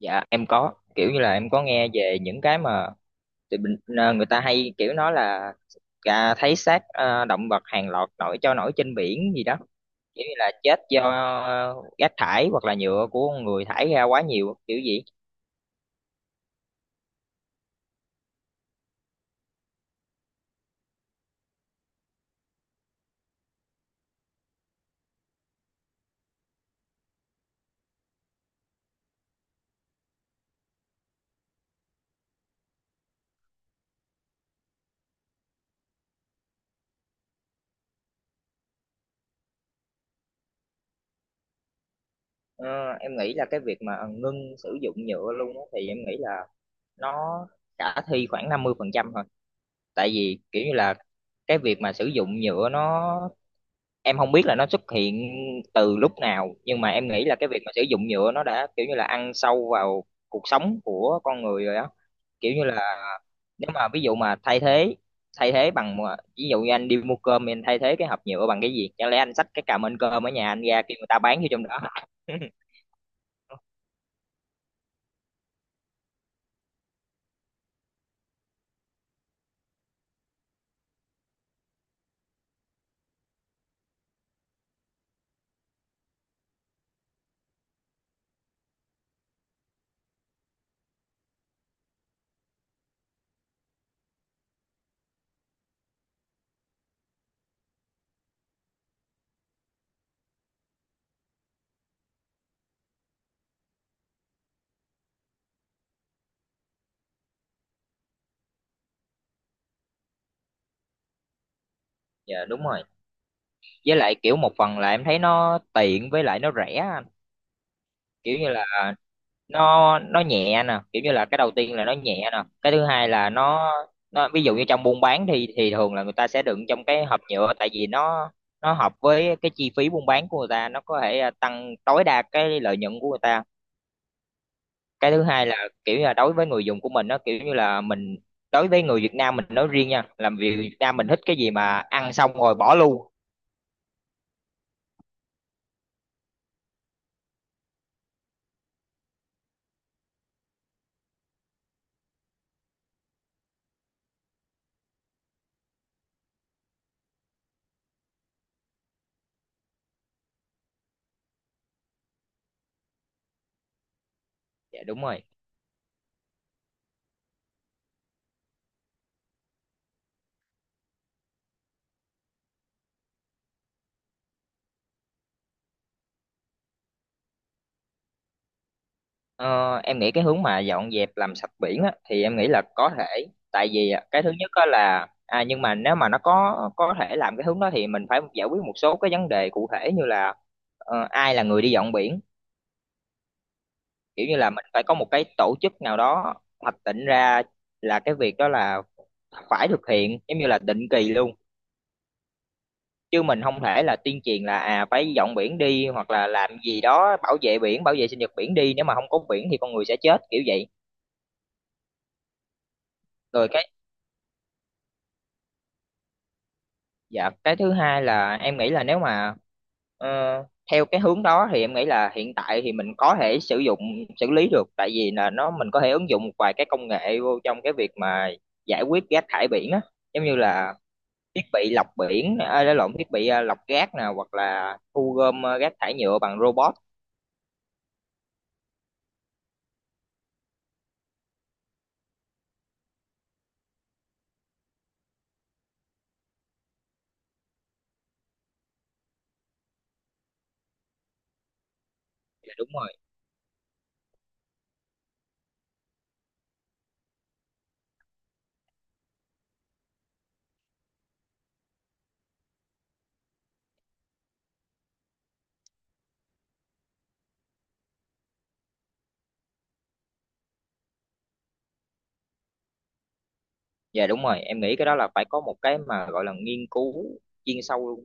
Dạ, em có kiểu như là em có nghe về những cái mà tụi mình, người ta hay kiểu nói là, thấy xác, động vật hàng loạt nổi cho nổi trên biển gì đó, kiểu như là chết do rác thải hoặc là nhựa của con người thải ra quá nhiều kiểu gì. Ờ, em nghĩ là cái việc mà ngưng sử dụng nhựa luôn á thì em nghĩ là nó khả thi khoảng 50% thôi. Tại vì kiểu như là cái việc mà sử dụng nhựa nó em không biết là nó xuất hiện từ lúc nào, nhưng mà em nghĩ là cái việc mà sử dụng nhựa nó đã kiểu như là ăn sâu vào cuộc sống của con người rồi á. Kiểu như là nếu mà ví dụ mà thay thế bằng ví dụ như anh đi mua cơm anh thay thế cái hộp nhựa bằng cái gì, chẳng lẽ anh xách cái cà mên cơm ở nhà anh ra kêu người ta bán vô trong đó. Dạ đúng rồi. Với lại kiểu một phần là em thấy nó tiện với lại nó rẻ anh. Kiểu như là nó nhẹ nè, kiểu như là cái đầu tiên là nó nhẹ nè, cái thứ hai là nó ví dụ như trong buôn bán thì thường là người ta sẽ đựng trong cái hộp nhựa, tại vì nó hợp với cái chi phí buôn bán của người ta, nó có thể tăng tối đa cái lợi nhuận của người ta. Cái thứ hai là kiểu như là đối với người dùng của mình, nó kiểu như là mình đối với người Việt Nam mình nói riêng nha, làm việc Việt Nam mình thích cái gì mà ăn xong rồi bỏ luôn. Dạ đúng rồi. Ờ, em nghĩ cái hướng mà dọn dẹp làm sạch biển á, thì em nghĩ là có thể. Tại vì á, cái thứ nhất á là nhưng mà nếu mà nó có thể làm cái hướng đó thì mình phải giải quyết một số cái vấn đề cụ thể, như là ai là người đi dọn biển. Kiểu như là mình phải có một cái tổ chức nào đó hoạch định ra là cái việc đó là phải thực hiện giống như là định kỳ luôn, chứ mình không thể là tuyên truyền là à phải dọn biển đi, hoặc là làm gì đó bảo vệ biển bảo vệ sinh vật biển đi, nếu mà không có biển thì con người sẽ chết kiểu vậy. Rồi cái Dạ, cái thứ hai là em nghĩ là nếu mà ờ, theo cái hướng đó thì em nghĩ là hiện tại thì mình có thể sử dụng xử lý được, tại vì là nó mình có thể ứng dụng một vài cái công nghệ vô trong cái việc mà giải quyết rác thải biển á, giống như là thiết bị lọc biển, à, lộn, thiết bị à, lọc rác nè, hoặc là thu gom rác thải nhựa bằng robot. Dạ đúng rồi. Dạ đúng rồi, em nghĩ cái đó là phải có một cái mà gọi là nghiên cứu chuyên sâu luôn.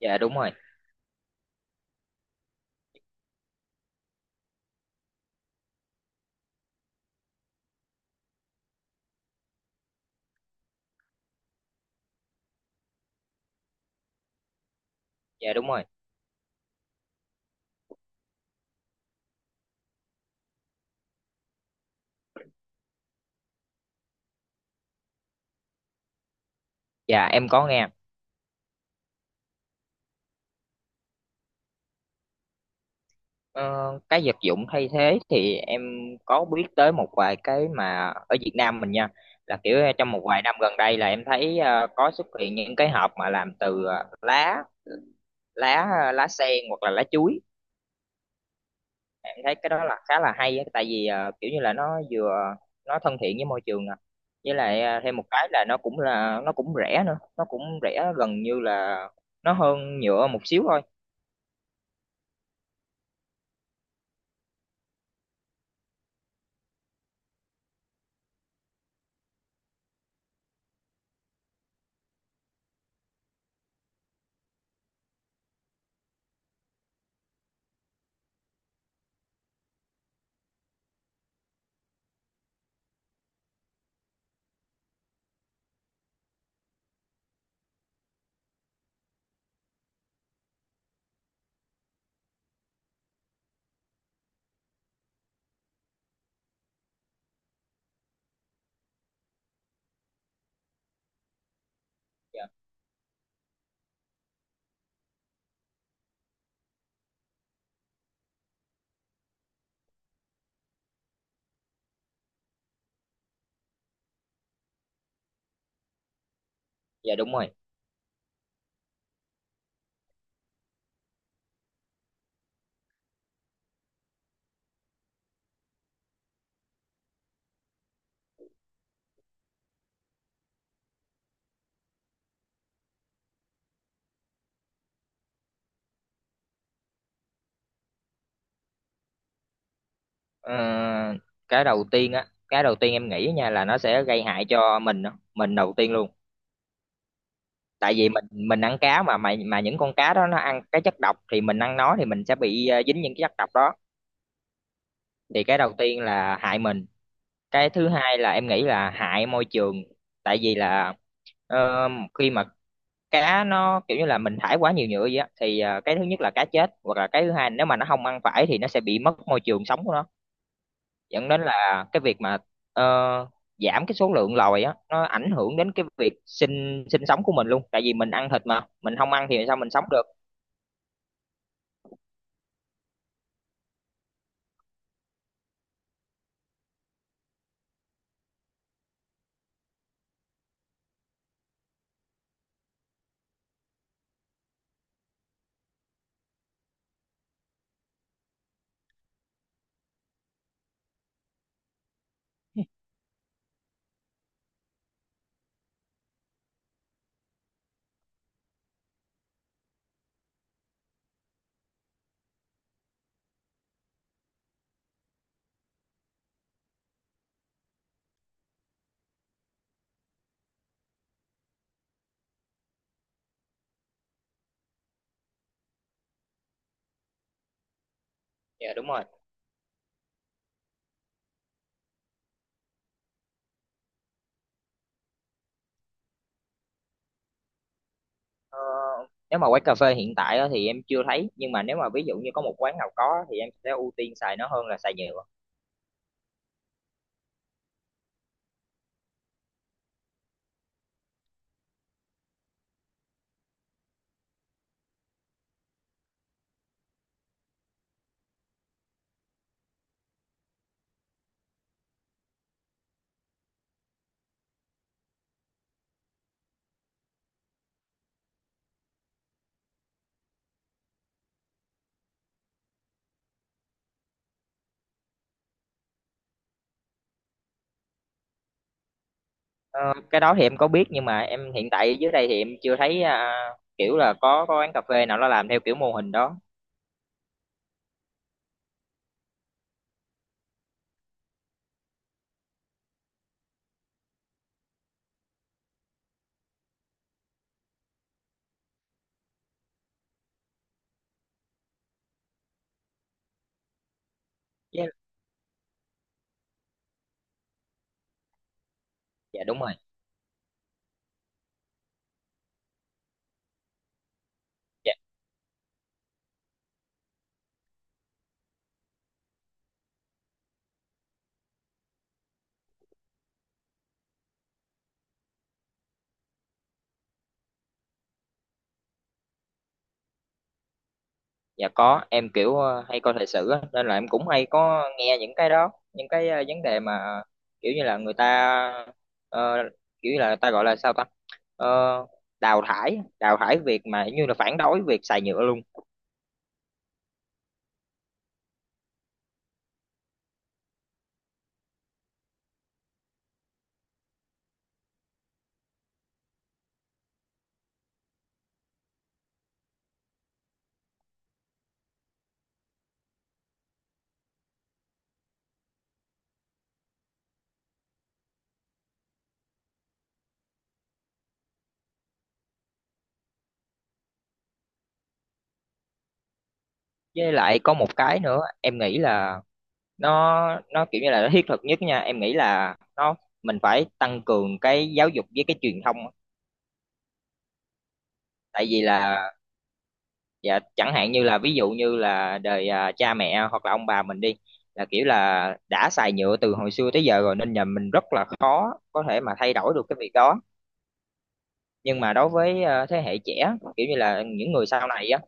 Dạ đúng rồi. Dạ đúng rồi. Dạ em có nghe. Ờ, cái vật dụng thay thế thì em có biết tới một vài cái mà ở Việt Nam mình nha, là kiểu trong một vài năm gần đây là em thấy có xuất hiện những cái hộp mà làm từ lá lá lá sen hoặc là lá chuối. Em thấy cái đó là khá là hay á, tại vì kiểu như là nó vừa nó thân thiện với môi trường nè, với lại thêm một cái là nó cũng rẻ nữa, nó cũng rẻ gần như là nó hơn nhựa một xíu thôi. Dạ. Dạ đúng rồi. Ờ, cái đầu tiên á, cái đầu tiên em nghĩ nha là nó sẽ gây hại cho mình á, mình đầu tiên luôn. Tại vì mình ăn cá mà những con cá đó nó ăn cái chất độc, thì mình ăn nó thì mình sẽ bị dính những cái chất độc đó. Thì cái đầu tiên là hại mình, cái thứ hai là em nghĩ là hại môi trường. Tại vì là ờ, khi mà cá nó kiểu như là mình thải quá nhiều nhựa vậy á, thì cái thứ nhất là cá chết, hoặc là cái thứ hai nếu mà nó không ăn phải thì nó sẽ bị mất môi trường sống của nó, dẫn đến là cái việc mà ờ, giảm cái số lượng lòi á, nó ảnh hưởng đến cái việc sinh sinh sống của mình luôn, tại vì mình ăn thịt mà mình không ăn thì sao mình sống được. Dạ đúng rồi. Ờ, nếu mà quán cà phê hiện tại á, thì em chưa thấy, nhưng mà nếu mà ví dụ như có một quán nào có thì em sẽ ưu tiên xài nó hơn là xài nhựa. Ờ, cái đó thì em có biết, nhưng mà em hiện tại dưới đây thì em chưa thấy kiểu là có quán cà phê nào nó làm theo kiểu mô hình đó. Với- dạ đúng rồi. Dạ có, em kiểu hay coi thời sự á, nên là em cũng hay có nghe những cái đó, những cái vấn đề mà kiểu như là người ta ờ, kiểu như là người ta gọi là sao ta? Ờ, đào thải việc mà như là phản đối việc xài nhựa luôn. Với lại có một cái nữa, em nghĩ là nó kiểu như là nó thiết thực nhất nha, em nghĩ là nó mình phải tăng cường cái giáo dục với cái truyền thông á. Tại vì là dạ chẳng hạn như là ví dụ như là đời cha mẹ hoặc là ông bà mình đi, là kiểu là đã xài nhựa từ hồi xưa tới giờ rồi, nên nhà mình rất là khó có thể mà thay đổi được cái việc đó. Nhưng mà đối với thế hệ trẻ kiểu như là những người sau này á,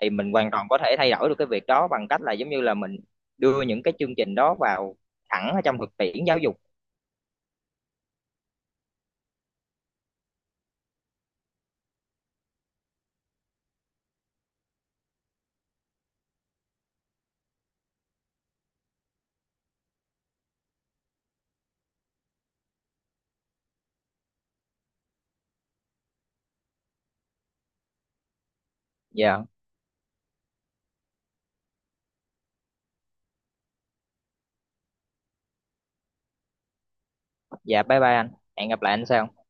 thì mình hoàn toàn có thể thay đổi được cái việc đó bằng cách là giống như là mình đưa những cái chương trình đó vào thẳng ở trong thực tiễn giáo dục. Dạ. Dạ, bye bye anh. Hẹn gặp lại anh sau.